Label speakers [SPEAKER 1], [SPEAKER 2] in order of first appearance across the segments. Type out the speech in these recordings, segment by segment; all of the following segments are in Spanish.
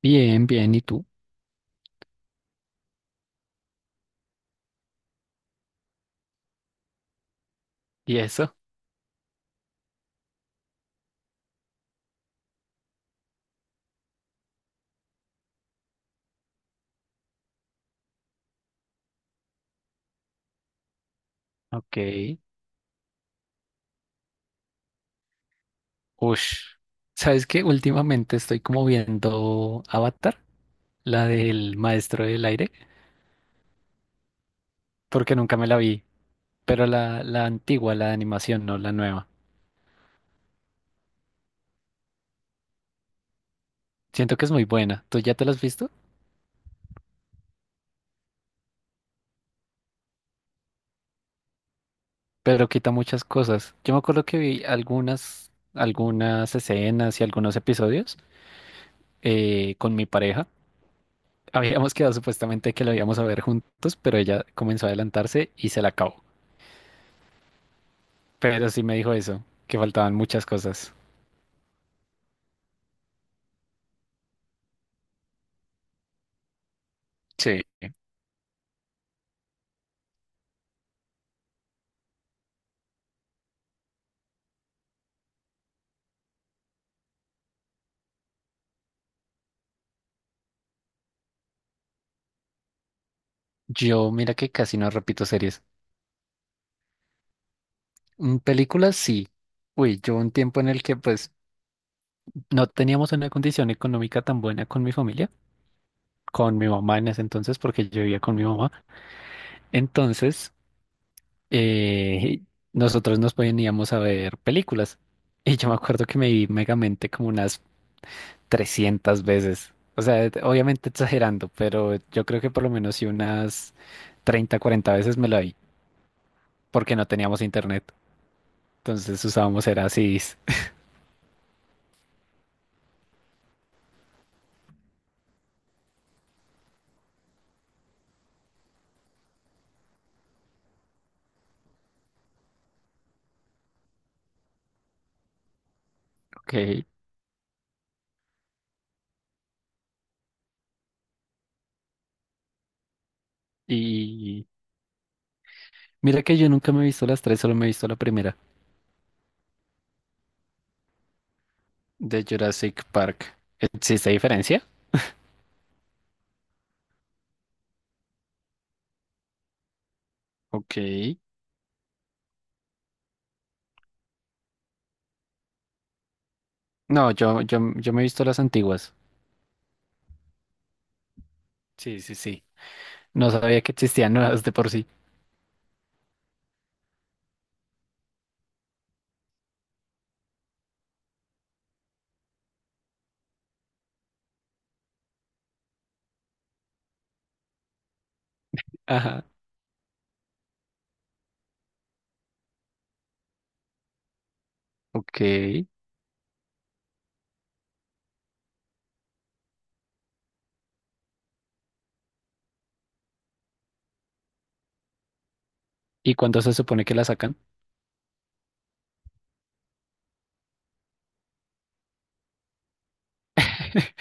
[SPEAKER 1] Bien, bien, ¿y tú? ¿Y eso? Ok. Ush. ¿Sabes qué? Últimamente estoy como viendo Avatar, la del Maestro del Aire, porque nunca me la vi, pero la antigua, la de animación, no la nueva. Siento que es muy buena. ¿Tú ya te la has visto? Pero quita muchas cosas. Yo me acuerdo que vi algunas escenas y algunos episodios con mi pareja. Habíamos quedado supuestamente que lo íbamos a ver juntos, pero ella comenzó a adelantarse y se la acabó. Pero sí me dijo eso, que faltaban muchas cosas. Sí. Yo, mira que casi no repito series. Películas sí. Uy, yo un tiempo en el que pues no teníamos una condición económica tan buena con mi familia, con mi mamá en ese entonces, porque yo vivía con mi mamá. Entonces, eh, nosotros nos poníamos a ver películas. Y yo me acuerdo que me vi Megamente como unas 300 veces. O sea, obviamente exagerando, pero yo creo que por lo menos sí unas 30 40 veces me la vi, porque no teníamos internet. Entonces usábamos era CDs. Ok. Y mira que yo nunca me he visto las tres, solo me he visto la primera, de Jurassic Park. ¿Existe diferencia? Ok. No, yo me he visto las antiguas. Sí, sí, sí. No sabía que existían nuevas de por sí. Ajá. Ok. ¿Y cuándo se supone que la sacan?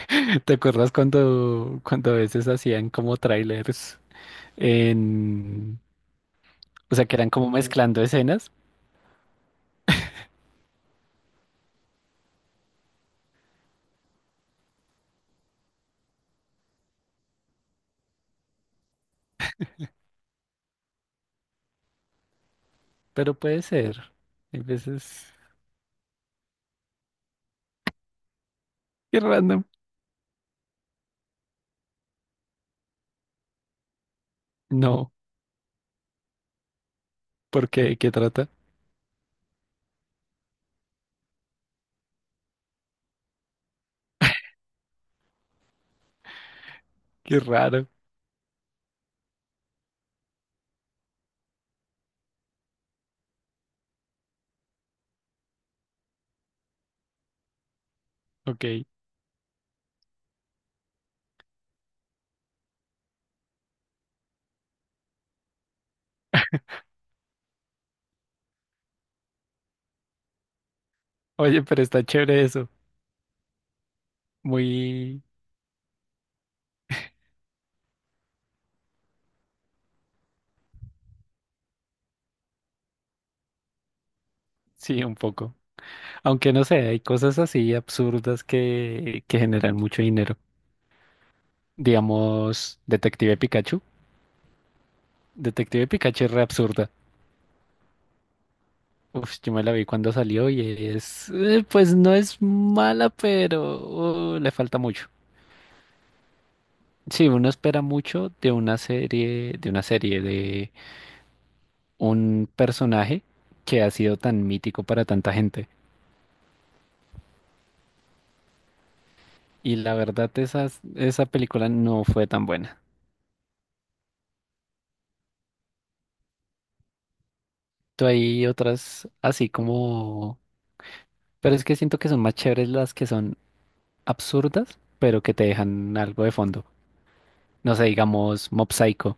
[SPEAKER 1] ¿Te acuerdas cuando a veces hacían como trailers en... O sea, que eran como mezclando escenas, pero puede ser. Hay veces... Qué random. No, ¿por qué? ¿Qué trata? Qué raro. Ok. Oye, pero está chévere eso. Muy... Sí, un poco. Aunque no sé, hay cosas así absurdas que generan mucho dinero. Digamos, Detective Pikachu. Detective Pikachu es re absurda. Uf, yo me la vi cuando salió y es... pues no es mala, pero le falta mucho. Sí, uno espera mucho de una serie, de una serie de un personaje que ha sido tan mítico para tanta gente. Y la verdad, esa película no fue tan buena. Tú hay otras así como... Pero es que siento que son más chéveres las que son absurdas, pero que te dejan algo de fondo. No sé, digamos Mob Psycho,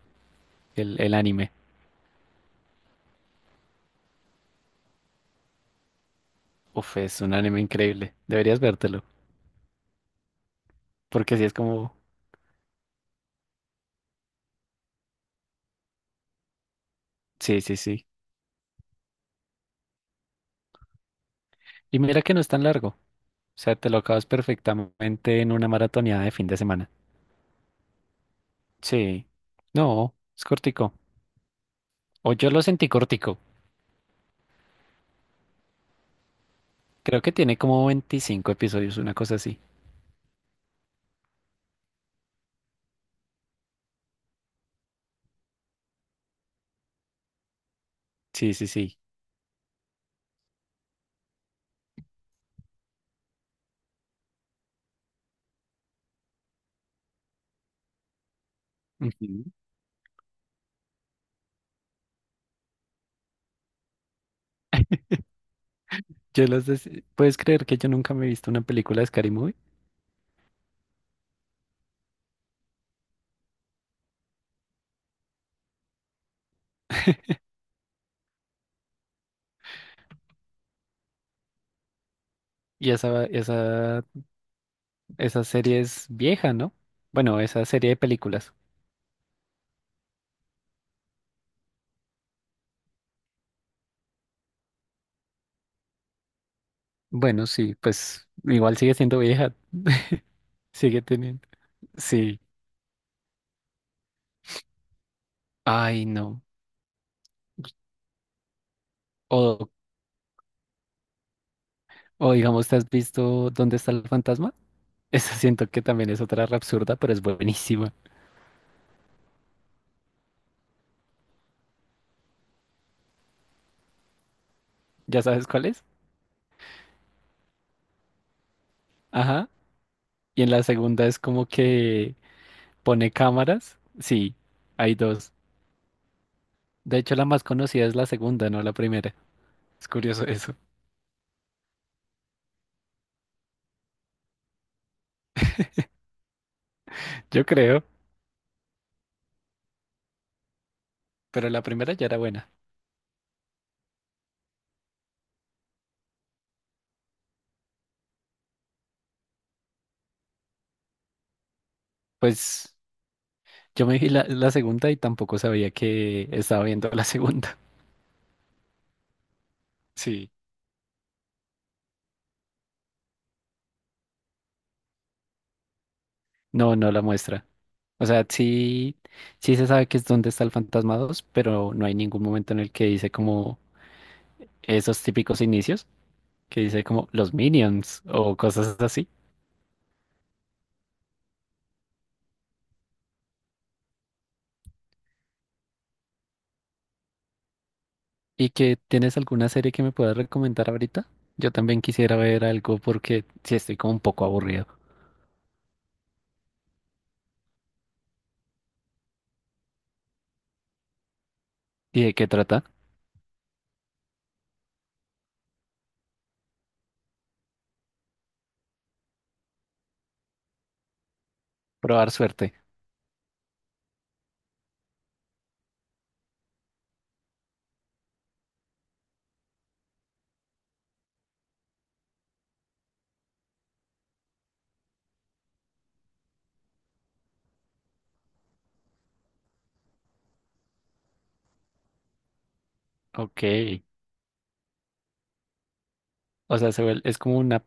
[SPEAKER 1] el anime. Uf, es un anime increíble. Deberías vértelo. Porque sí es como... Sí, sí, sí. Y mira que no es tan largo. O sea, te lo acabas perfectamente en una maratoneada de fin de semana. Sí. No, es cortico. O yo lo sentí cortico. Creo que tiene como 25 episodios, una cosa así. Sí, sí, sí. Ujú. Yo las des- ¿Puedes creer que yo nunca me he visto una película de Scary Movie? Y esa serie es vieja, ¿no? Bueno, esa serie de películas. Bueno, sí, pues igual sigue siendo vieja. Sigue teniendo. Sí. Ay, no. O, o digamos, ¿te has visto Dónde está el fantasma? Esa siento que también es otra re absurda, pero es buenísima. ¿Ya sabes cuál es? Ajá. Y en la segunda es como que pone cámaras. Sí, hay dos. De hecho, la más conocida es la segunda, no la primera. Es curioso eso. Yo creo, pero la primera ya era buena. Pues yo me vi la segunda y tampoco sabía que estaba viendo la segunda. Sí, no, no la muestra. O sea, sí, sí se sabe que es donde está el Fantasma 2, pero no hay ningún momento en el que dice como esos típicos inicios, que dice como los Minions o cosas. ¿Y que tienes alguna serie que me puedas recomendar ahorita? Yo también quisiera ver algo porque sí estoy como un poco aburrido. ¿Y de qué trata? Probar suerte. Ok. O sea, se vuel- es como un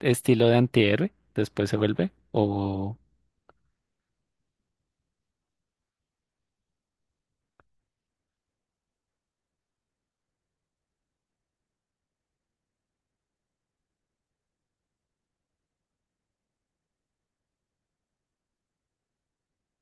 [SPEAKER 1] estilo de antihéroe, después se vuelve. O